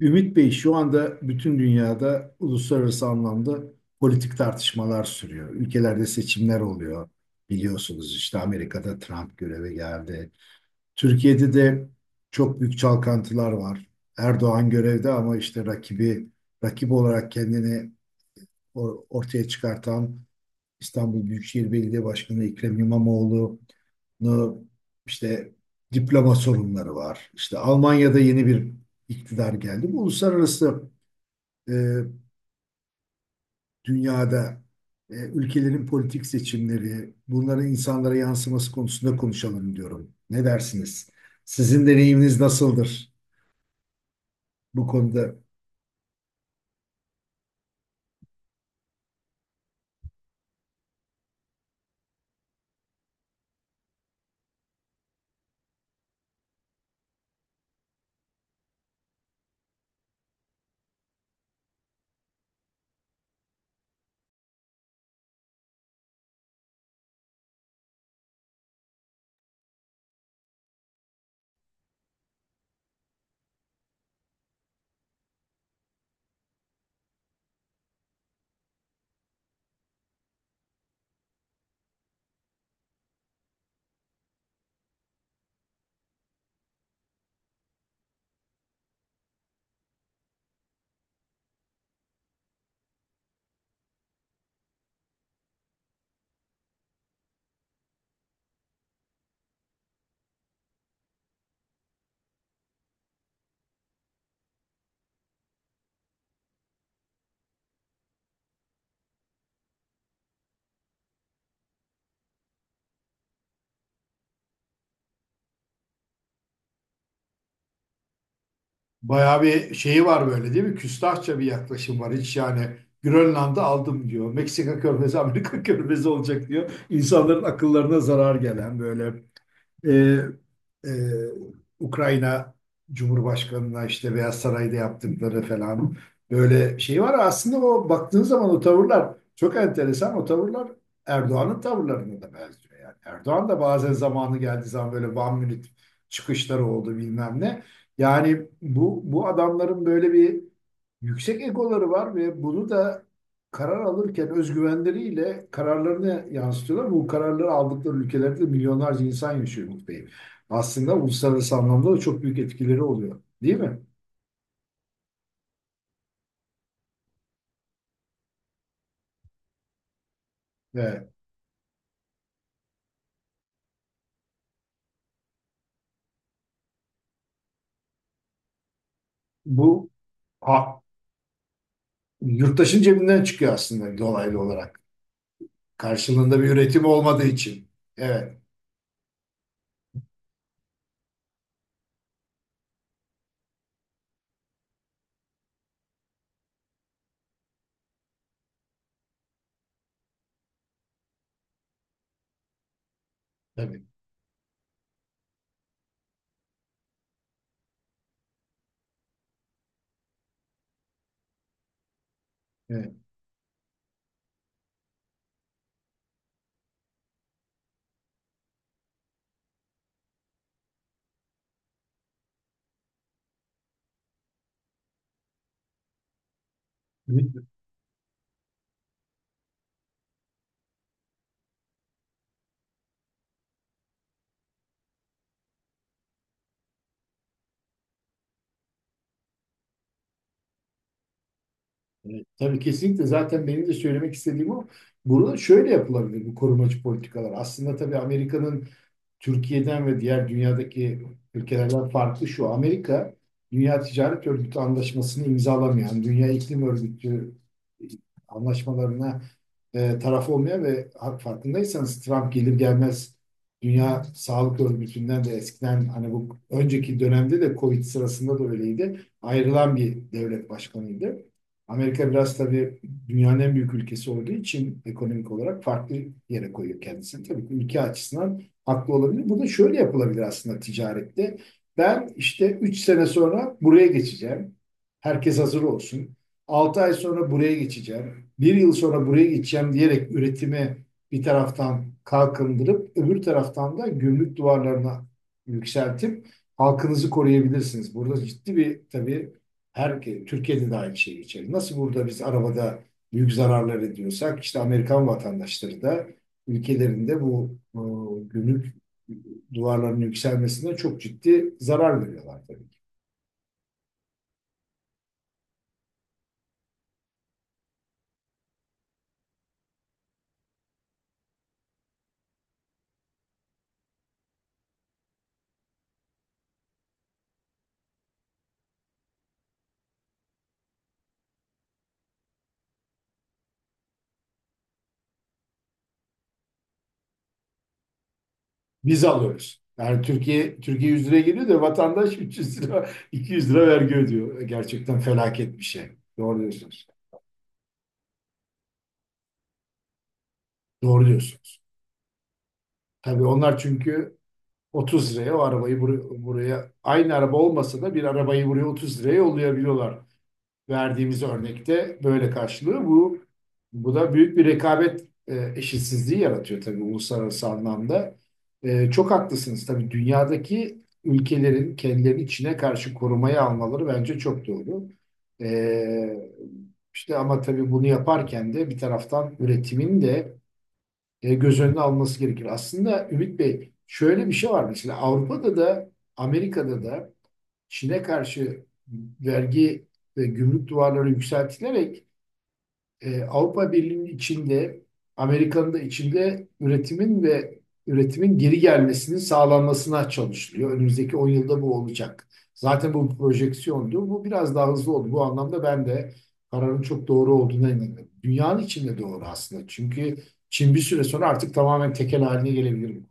Ümit Bey şu anda bütün dünyada uluslararası anlamda politik tartışmalar sürüyor. Ülkelerde seçimler oluyor. Biliyorsunuz işte Amerika'da Trump göreve geldi. Türkiye'de de çok büyük çalkantılar var. Erdoğan görevde ama işte rakibi rakip olarak kendini ortaya çıkartan İstanbul Büyükşehir Belediye Başkanı Ekrem İmamoğlu'nu işte diploma sorunları var. İşte Almanya'da yeni bir iktidar geldi. Bu uluslararası e, dünyada ülkelerin politik seçimleri, bunların insanlara yansıması konusunda konuşalım diyorum. Ne dersiniz? Sizin deneyiminiz nasıldır bu konuda? Bayağı bir şeyi var böyle değil mi? Küstahça bir yaklaşım var. Hiç yani Grönland'ı aldım diyor. Meksika körfezi, Amerika körfezi olacak diyor. İnsanların akıllarına zarar gelen böyle. Ee, e, Ukrayna Cumhurbaşkanı'na işte Beyaz Saray'da yaptıkları falan böyle şey var. Aslında o baktığın zaman o tavırlar çok enteresan. O tavırlar Erdoğan'ın tavırlarına da benziyor. Yani Erdoğan da bazen zamanı geldiği zaman böyle one minute çıkışları oldu bilmem ne. Yani bu adamların böyle bir yüksek egoları var ve bunu da karar alırken özgüvenleriyle kararlarını yansıtıyorlar. Bu kararları aldıkları ülkelerde de milyonlarca insan yaşıyor Umut Bey. Aslında uluslararası anlamda da çok büyük etkileri oluyor. Değil mi? Ve bu ha, yurttaşın cebinden çıkıyor aslında dolaylı olarak. Karşılığında bir üretim olmadığı için. Evet, tabii. Evet. Evet, tabii kesinlikle zaten benim de söylemek istediğim o. Burada şöyle yapılabilir bu korumacı politikalar. Aslında tabii Amerika'nın Türkiye'den ve diğer dünyadaki ülkelerden farklı şu. Amerika Dünya Ticaret Örgütü anlaşmasını imzalamayan, Dünya İklim Örgütü anlaşmalarına taraf olmayan ve farkındaysanız Trump gelir gelmez Dünya Sağlık Örgütü'nden de eskiden hani bu önceki dönemde de Covid sırasında da öyleydi. Ayrılan bir devlet başkanıydı. Amerika biraz tabii dünyanın en büyük ülkesi olduğu için ekonomik olarak farklı yere koyuyor kendisini. Tabii ki ülke açısından haklı olabilir. Bu da şöyle yapılabilir aslında ticarette. Ben işte 3 sene sonra buraya geçeceğim. Herkes hazır olsun. 6 ay sonra buraya geçeceğim. Bir yıl sonra buraya geçeceğim diyerek üretimi bir taraftan kalkındırıp öbür taraftan da gümrük duvarlarına yükseltip halkınızı koruyabilirsiniz. Burada ciddi bir tabii her Türkiye'de de aynı şey geçerli. Nasıl burada biz arabada büyük zararlar ediyorsak işte Amerikan vatandaşları da ülkelerinde bu gümrük duvarlarının yükselmesine çok ciddi zarar veriyorlar tabii ki. Biz alıyoruz. Yani Türkiye 100 liraya geliyor da vatandaş 300 lira 200 lira vergi ödüyor. Gerçekten felaket bir şey. Doğru diyorsunuz. Doğru diyorsunuz. Tabii onlar çünkü 30 liraya o arabayı buraya aynı araba olmasa da bir arabayı buraya 30 liraya yollayabiliyorlar. Verdiğimiz örnekte böyle karşılığı. Bu da büyük bir rekabet eşitsizliği yaratıyor tabii uluslararası anlamda. Çok haklısınız tabii dünyadaki ülkelerin kendilerini içine karşı korumaya almaları bence çok doğru. E, işte ama tabii bunu yaparken de bir taraftan üretimin de göz önüne alması gerekir. Aslında Ümit Bey şöyle bir şey var mesela Avrupa'da da Amerika'da da Çin'e karşı vergi ve gümrük duvarları yükseltilerek Avrupa Birliği'nin içinde, Amerika'nın da içinde üretimin ve üretimin geri gelmesinin sağlanmasına çalışılıyor. Önümüzdeki 10 yılda bu olacak. Zaten bu projeksiyondu. Bu biraz daha hızlı oldu. Bu anlamda ben de kararın çok doğru olduğuna inanıyorum. Dünyanın içinde doğru aslında. Çünkü Çin bir süre sonra artık tamamen tekel haline gelebilir.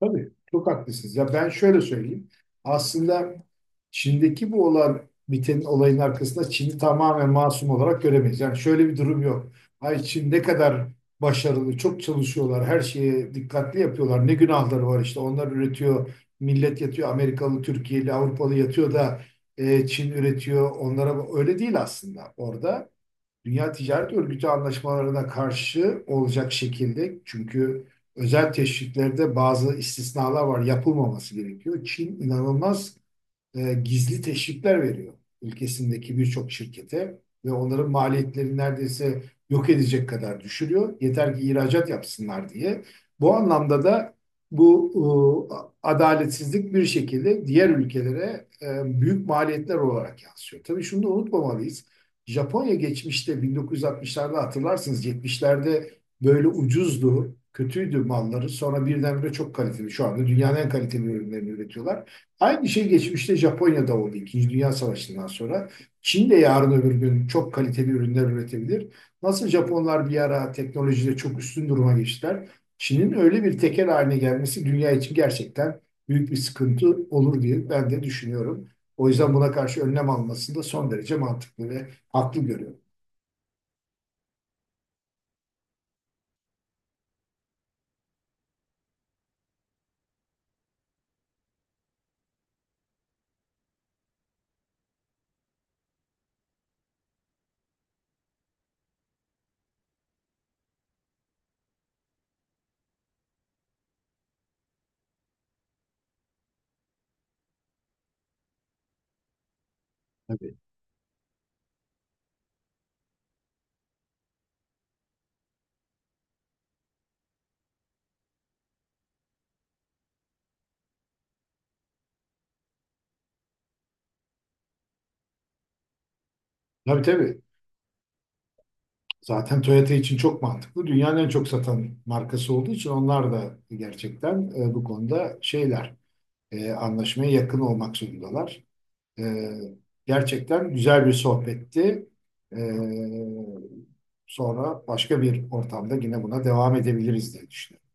Tabii çok haklısınız. Ya ben şöyle söyleyeyim. Aslında Çin'deki bu olan bitenin olayın arkasında Çin'i tamamen masum olarak göremeyiz. Yani şöyle bir durum yok. Ay Çin ne kadar başarılı, çok çalışıyorlar, her şeye dikkatli yapıyorlar. Ne günahları var işte. Onlar üretiyor, millet yatıyor. Amerikalı, Türkiye'li, Avrupalı yatıyor da Çin üretiyor. Onlara öyle değil aslında orada. Dünya Ticaret Örgütü anlaşmalarına karşı olacak şekilde çünkü özel teşviklerde bazı istisnalar var yapılmaması gerekiyor. Çin inanılmaz gizli teşvikler veriyor ülkesindeki birçok şirkete ve onların maliyetlerini neredeyse yok edecek kadar düşürüyor. Yeter ki ihracat yapsınlar diye. Bu anlamda da bu adaletsizlik bir şekilde diğer ülkelere büyük maliyetler olarak yansıyor. Tabii şunu da unutmamalıyız. Japonya geçmişte 1960'larda hatırlarsınız 70'lerde böyle ucuzdu, kötüydü malları. Sonra birdenbire çok kaliteli. Şu anda dünyanın en kaliteli ürünlerini üretiyorlar. Aynı şey geçmişte Japonya'da oldu. İkinci Dünya Savaşı'ndan sonra. Çin de yarın öbür gün çok kaliteli ürünler üretebilir. Nasıl Japonlar bir ara teknolojide çok üstün duruma geçtiler. Çin'in öyle bir tekel haline gelmesi dünya için gerçekten büyük bir sıkıntı olur diye ben de düşünüyorum. O yüzden buna karşı önlem alması da son derece mantıklı ve haklı görüyorum. Tabii. Tabii tabii. Zaten Toyota için çok mantıklı. Dünyanın en çok satan markası olduğu için onlar da gerçekten bu konuda şeyler anlaşmaya yakın olmak zorundalar. E, gerçekten güzel bir sohbetti. E, sonra başka bir ortamda yine buna devam edebiliriz diye düşünüyorum.